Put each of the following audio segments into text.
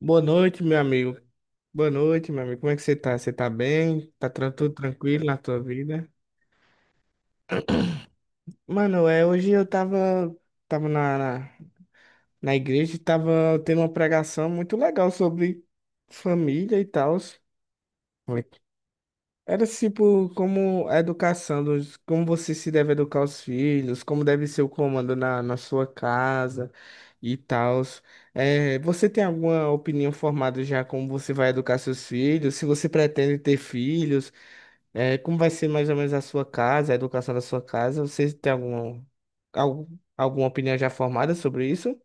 Boa noite, meu amigo. Boa noite, meu amigo. Como é que você tá? Você tá bem? Tudo tranquilo na tua vida? Mano, é, hoje eu tava, tava na, na, na igreja e tava tendo uma pregação muito legal sobre família e tal. Era tipo como a educação, dos, como você se deve educar os filhos, como deve ser o comando na sua casa e tal. É, você tem alguma opinião formada já como você vai educar seus filhos? Se você pretende ter filhos? É, como vai ser mais ou menos a sua casa, a educação da sua casa? Vocês têm alguma, algum, al- alguma opinião já formada sobre isso?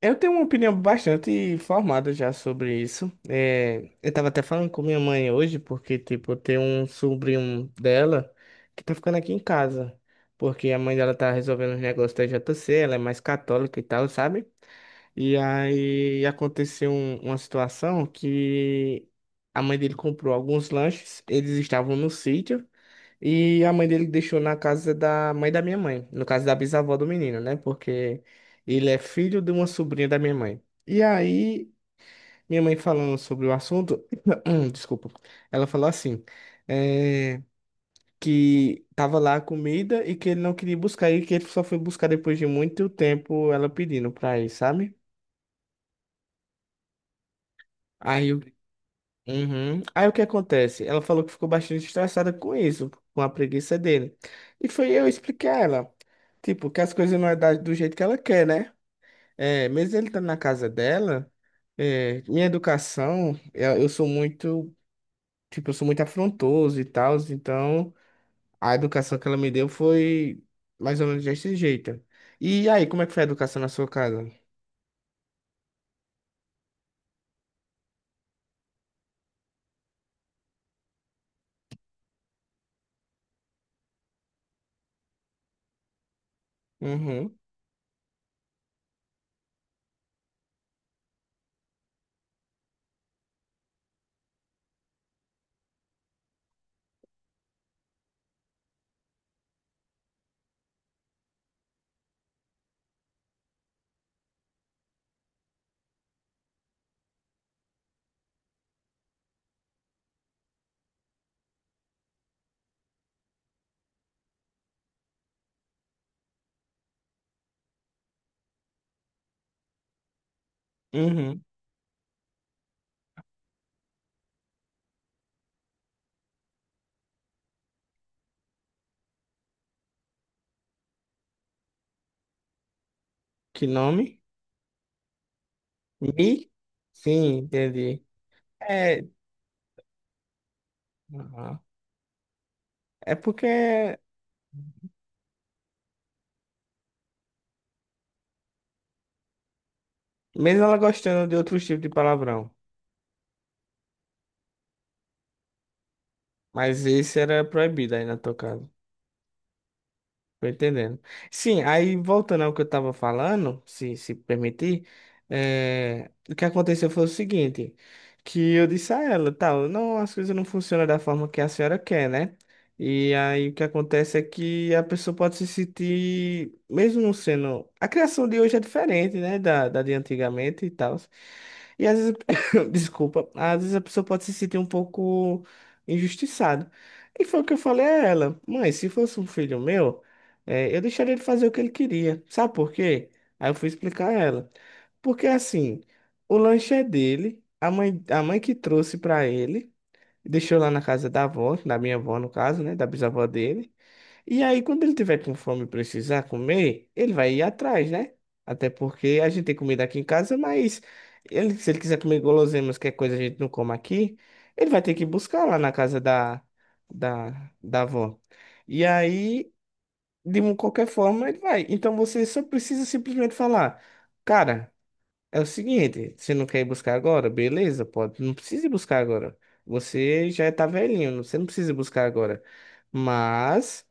Eu tenho uma opinião bastante formada já sobre isso. É, eu tava até falando com minha mãe hoje, porque, tipo, tem um sobrinho dela que tá ficando aqui em casa. Porque a mãe dela tá resolvendo os negócios da JC, ela é mais católica e tal, sabe? E aí aconteceu uma situação que a mãe dele comprou alguns lanches, eles estavam no sítio. E a mãe dele deixou na casa da mãe da minha mãe, no caso da bisavó do menino, né? Porque ele é filho de uma sobrinha da minha mãe. E aí, minha mãe falando sobre o assunto, desculpa, ela falou assim, eh, que tava lá a comida e que ele não queria buscar e que ele só foi buscar depois de muito tempo ela pedindo pra ir, sabe? Aí, o- Uhum. Aí o que acontece? Ela falou que ficou bastante estressada com isso, com a preguiça dele. E foi eu expliquei a ela. Tipo, que as coisas não é do jeito que ela quer, né? É, mesmo ele estando na casa dela, é, minha educação, eu sou muito, tipo, eu sou muito afrontoso e tal, então a educação que ela me deu foi mais ou menos desse jeito. E aí, como é que foi a educação na sua casa? Uhum, uhum. Que nome? Mi? Sim, entendi. É, uhum. É porque, mesmo ela gostando de outros tipos de palavrão, mas esse era proibido aí na tua casa. Tô entendendo. Sim, aí voltando ao que eu estava falando, se permitir, o que aconteceu foi o seguinte, que eu disse a ela, tal, não, as coisas não funcionam da forma que a senhora quer, né? E aí o que acontece é que a pessoa pode se sentir, mesmo não sendo. A criação de hoje é diferente, né? Da de antigamente e tal. E às vezes, desculpa, às vezes a pessoa pode se sentir um pouco injustiçada. E foi o que eu falei a ela, mãe, se fosse um filho meu. É, eu deixaria ele fazer o que ele queria. Sabe por quê? Aí eu fui explicar a ela. Porque assim, o lanche é dele, a mãe que trouxe pra ele, deixou lá na casa da avó, da minha avó no caso, né, da bisavó dele. E aí quando ele tiver com fome e precisar comer, ele vai ir atrás, né? Até porque a gente tem comida aqui em casa, mas ele, se ele quiser comer guloseimas, que é coisa que a gente não come aqui, ele vai ter que buscar lá na casa da avó. E aí qualquer forma ele vai. Então você só precisa simplesmente falar, cara, é o seguinte, você não quer ir buscar agora? Beleza, pode, não precisa ir buscar agora. Você já tá velhinho, você não precisa ir buscar agora. Mas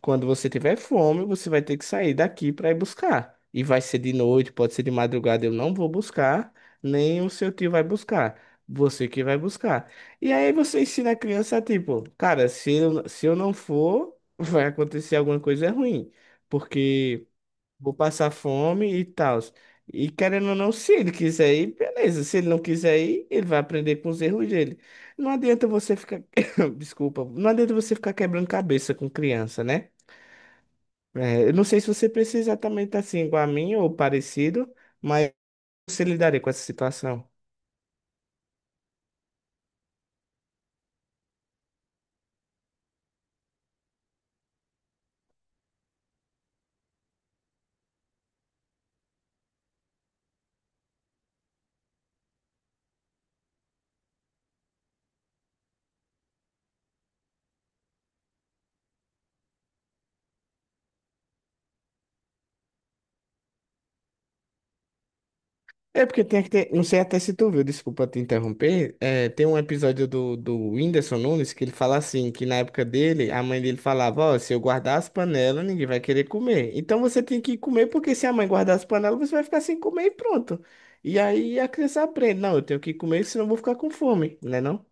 quando você tiver fome, você vai ter que sair daqui para ir buscar. E vai ser de noite, pode ser de madrugada, eu não vou buscar, nem o seu tio vai buscar. Você que vai buscar. E aí você ensina a criança, tipo, cara, se eu não for, vai acontecer alguma coisa ruim, porque vou passar fome e tal. E querendo ou não, se ele quiser ir, beleza. Se ele não quiser ir, ele vai aprender com os erros dele. Não adianta você ficar. Desculpa, não adianta você ficar quebrando cabeça com criança, né? É, eu não sei se você precisa exatamente assim, igual a mim ou parecido, mas você lidaria com essa situação. É porque tem que ter. Não sei até se tu viu, desculpa te interromper. É, tem um episódio do Whindersson Nunes que ele fala assim: que na época dele, a mãe dele falava: Ó, se eu guardar as panelas, ninguém vai querer comer. Então você tem que comer, porque se a mãe guardar as panelas, você vai ficar sem comer e pronto. E aí a criança aprende: Não, eu tenho que comer, senão eu vou ficar com fome, né? Não?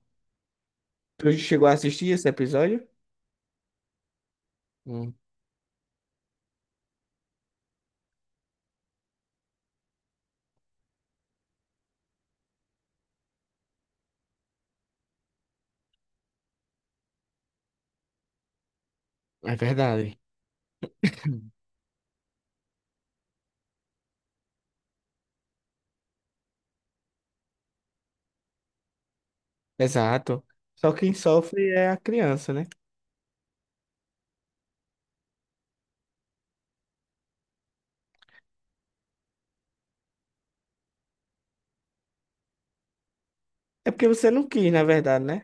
Tu chegou a assistir esse episódio? Hum, é verdade. Exato. Só quem sofre é a criança, né? É porque você não quis, na verdade, né?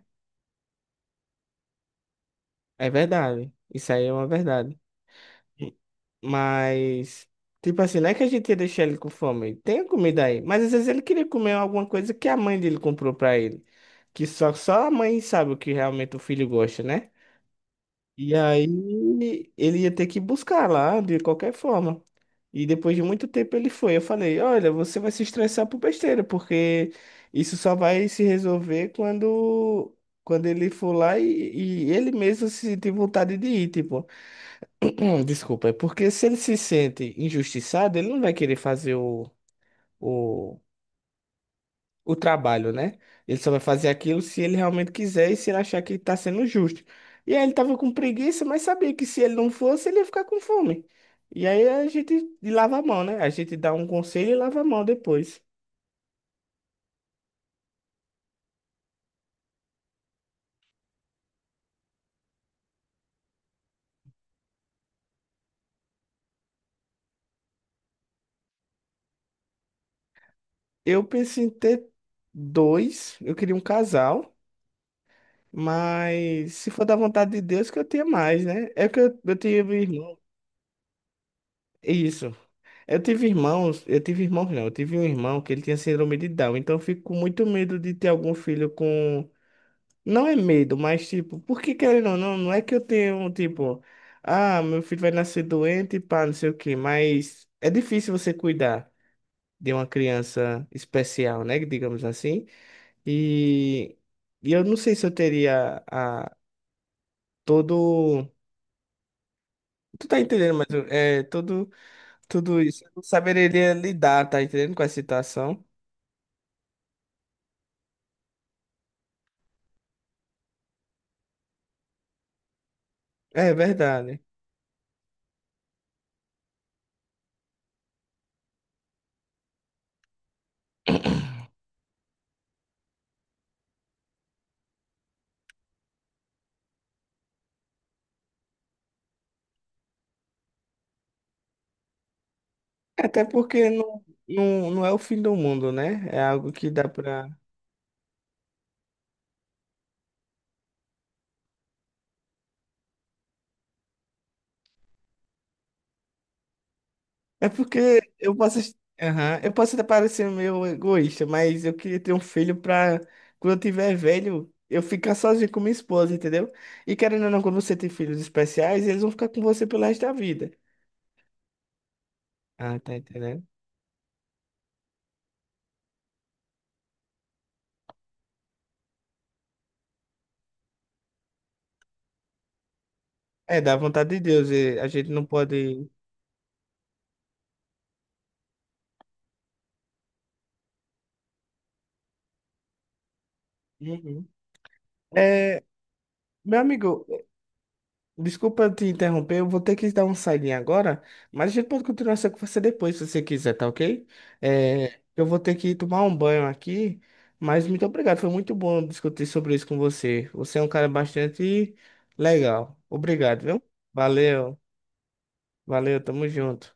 É verdade. Isso aí é uma verdade. Mas, tipo assim, não é que a gente ia deixar ele com fome. Tem a comida aí. Mas às vezes ele queria comer alguma coisa que a mãe dele comprou pra ele. Que só a mãe sabe o que realmente o filho gosta, né? E aí ele ia ter que buscar lá de qualquer forma. E depois de muito tempo ele foi. Eu falei: Olha, você vai se estressar por besteira, porque isso só vai se resolver quando ele for lá e ele mesmo se sentir vontade de ir. Tipo, não, desculpa, é porque se ele se sente injustiçado, ele não vai querer fazer o trabalho, né? Ele só vai fazer aquilo se ele realmente quiser e se ele achar que tá sendo justo. E aí ele tava com preguiça, mas sabia que se ele não fosse, ele ia ficar com fome. E aí a gente lava a mão, né? A gente dá um conselho e lava a mão depois. Eu pensei em ter dois, eu queria um casal, mas se for da vontade de Deus que eu tenha mais, né? É que eu tive irmão. Isso. Eu tive irmãos não, Eu tive um irmão que ele tinha síndrome de Down, então eu fico com muito medo de ter algum filho com Não é medo, mas tipo, porque querendo ou não, não é que eu tenho, tipo, ah, meu filho vai nascer doente, pá, não sei o quê, mas é difícil você cuidar de uma criança especial, né, digamos assim, e, e eu não sei se eu teria a, todo, tu tá entendendo, é, todo, tudo isso, eu não saberia lidar, tá entendendo, com a situação, é verdade, até porque não é o fim do mundo, né, é algo que dá pra É porque eu posso, aham, eu posso até parecer meio egoísta, mas eu queria ter um filho pra quando eu tiver velho, eu ficar sozinho com minha esposa, entendeu? E querendo ou não, quando você tem filhos especiais, eles vão ficar com você pelo resto da vida. Ah, tá entendendo? É, da vontade de Deus, e a gente não pode. Uhum. É, meu amigo, desculpa te interromper, eu vou ter que dar um saidinho agora, mas a gente pode continuar essa conversa depois, se você quiser, tá ok? É, eu vou ter que ir tomar um banho aqui, mas muito obrigado, foi muito bom discutir sobre isso com você. Você é um cara bastante legal. Obrigado, viu? Valeu, valeu, tamo junto.